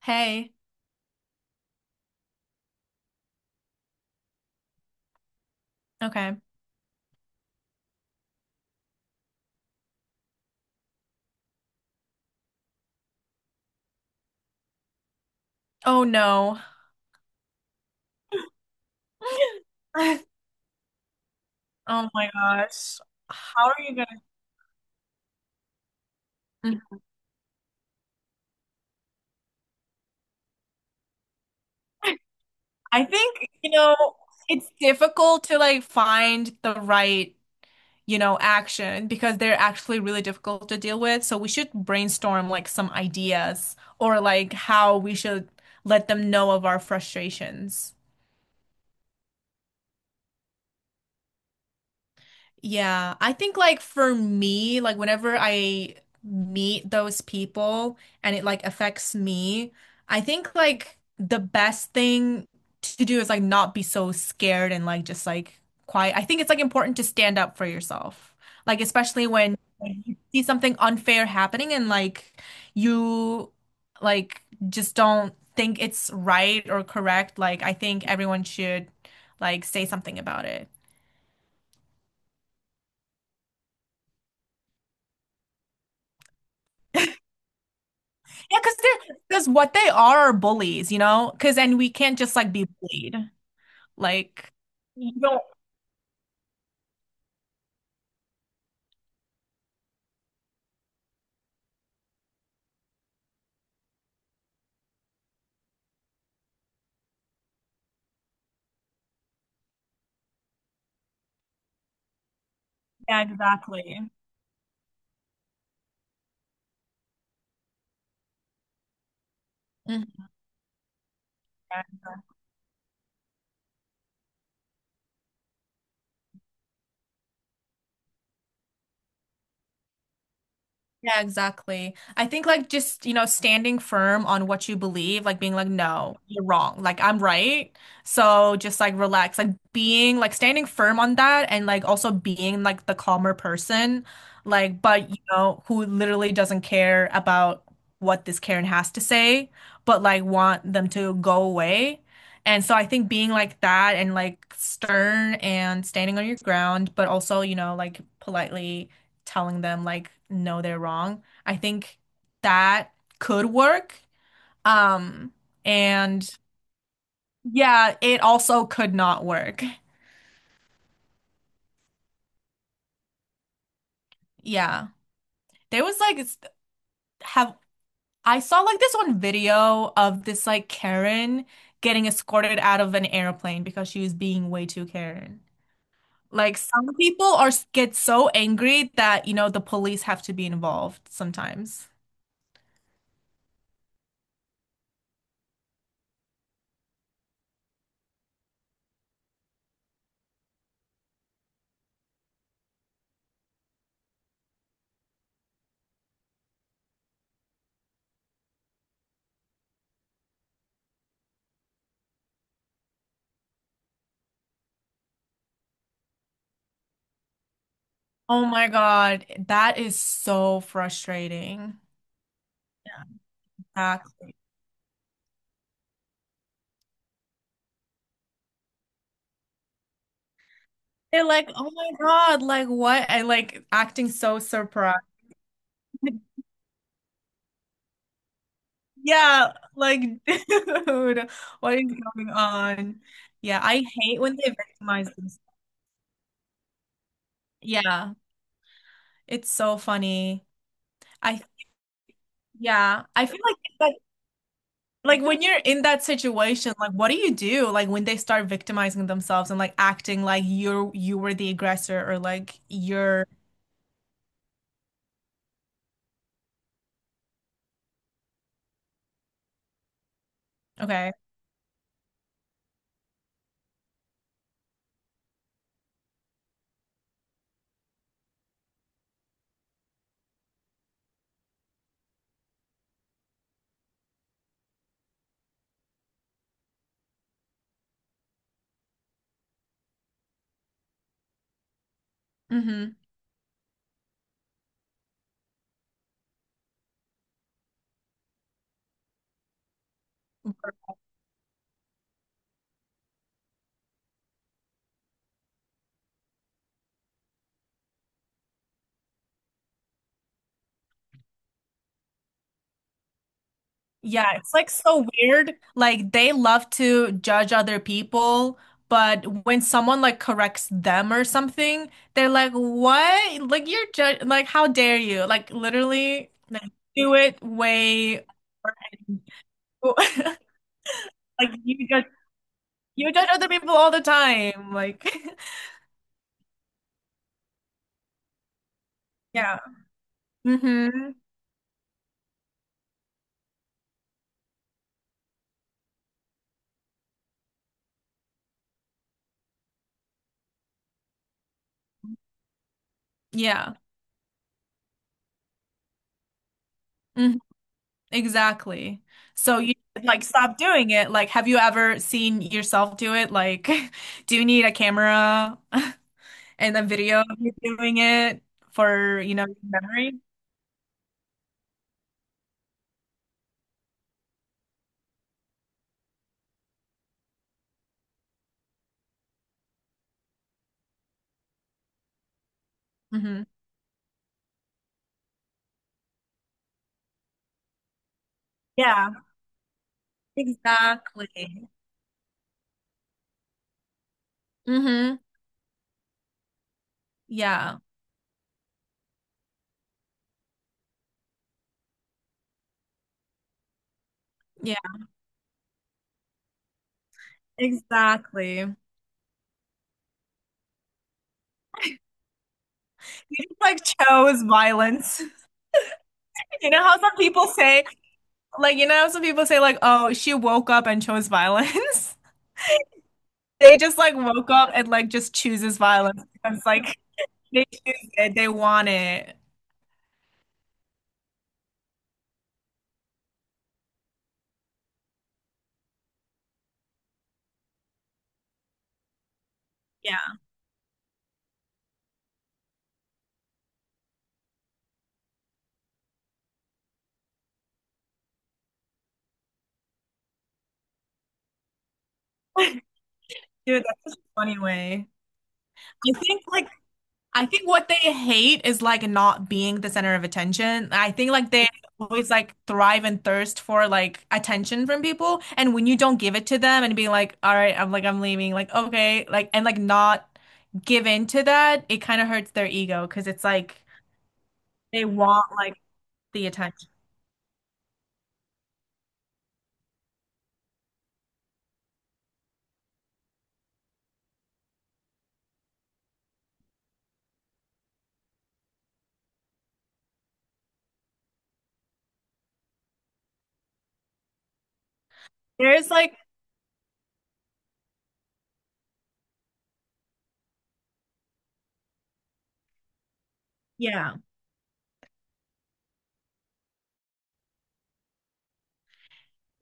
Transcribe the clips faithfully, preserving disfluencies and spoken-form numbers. Hey. Okay. Oh no. Oh my gosh. How are you gonna? Mm. I think, you know, it's difficult to like find the right, you know, action because they're actually really difficult to deal with. So we should brainstorm like some ideas or like how we should let them know of our frustrations. Yeah, I think like for me, like whenever I meet those people and it like affects me, I think like the best thing to do is like not be so scared and like just like quiet. I think it's like important to stand up for yourself. Like especially when you see something unfair happening and like you like just don't think it's right or correct. Like I think everyone should like say something about it. Yeah, because they're because what they are are bullies, you know? Because and we can't just like be bullied. Like you don't, yeah, exactly. Mhm. Yeah, exactly. I think like just, you know, standing firm on what you believe, like being like, no, you're wrong. Like I'm right. So just like relax, like being like standing firm on that and like also being like the calmer person, like, but you know, who literally doesn't care about what this Karen has to say, but like want them to go away. And so I think being like that and like stern and standing on your ground, but also, you know, like politely telling them like no they're wrong. I think that could work. Um and yeah, it also could not work. Yeah. There was like s- have I saw like this one video of this like Karen getting escorted out of an airplane because she was being way too Karen. Like some people are get so angry that, you know, the police have to be involved sometimes. Oh my God, that is so frustrating. Yeah. Exactly. They're like, oh my God, like what? And like acting so surprised. Yeah, like, dude, what is going on? Yeah, I hate when they victimize themselves. Yeah, it's so funny. I, yeah, I feel like, like, like when you're in that situation, like, what do you do? Like when they start victimizing themselves and like acting like you're, you were the aggressor or like you're, okay. Mm-hmm. Yeah, it's like so weird. Like they love to judge other people, but when someone like corrects them or something, they're like, "What? Like you're judge like how dare you?" Like literally like do it way like you judge you judge other people all the time. Like yeah. Mm-hmm. Yeah. Mm-hmm. Exactly. So you should, like stop doing it. Like, have you ever seen yourself do it? Like, do you need a camera and a video of you doing it for, you know, your memory? Hmm. Yeah, exactly. Hmm. Yeah. Yeah, exactly. You just like chose violence. You know how some people say, like, you know how some people say, like, oh, she woke up and chose violence? They just like woke up and like just chooses violence. It's like they choose it. They want it. Yeah. Dude, that's such a funny way. I think like I think what they hate is like not being the center of attention. I think like they always like thrive and thirst for like attention from people. And when you don't give it to them and be like, all right, I'm like I'm leaving, like okay, like and like not give in to that, it kind of hurts their ego because it's like they want like the attention. There's like yeah.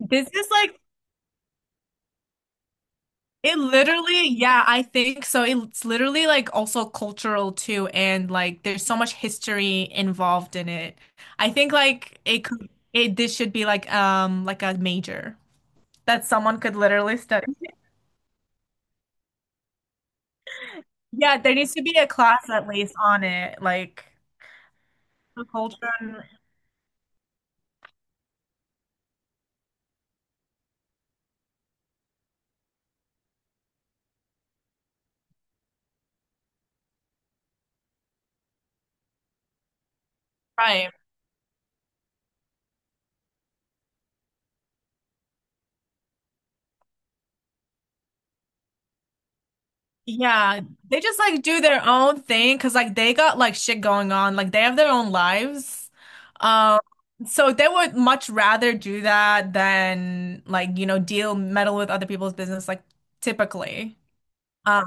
This is like it literally, yeah, I think so. It's literally like also cultural too, and like there's so much history involved in it. I think like it could it this should be like um like a major that someone could literally study. Yeah, there needs to be a class at least on it, like the culture and right. Yeah, they just like do their own thing because like they got like shit going on. Like they have their own lives. Um, so they would much rather do that than like, you know, deal meddle with other people's business like typically. Um,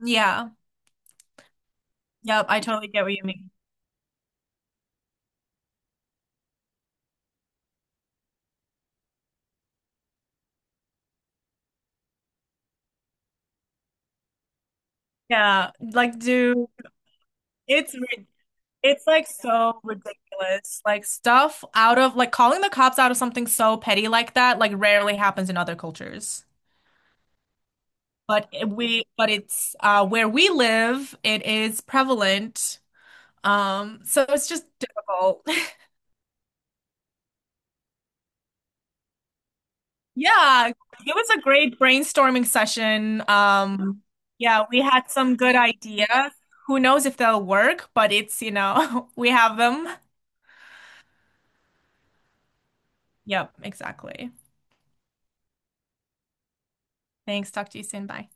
yeah. Yep, I totally get what you mean. Yeah, like dude, it's rid- it's like so ridiculous. Like stuff out of like calling the cops out of something so petty like that like rarely happens in other cultures. But it- we, but it's uh, where we live, it is prevalent. Um, so it's just difficult. Yeah, it was a great brainstorming session. Um, yeah, we had some good ideas. Who knows if they'll work, but it's, you know, we have them. Yep, exactly. Thanks. Talk to you soon. Bye.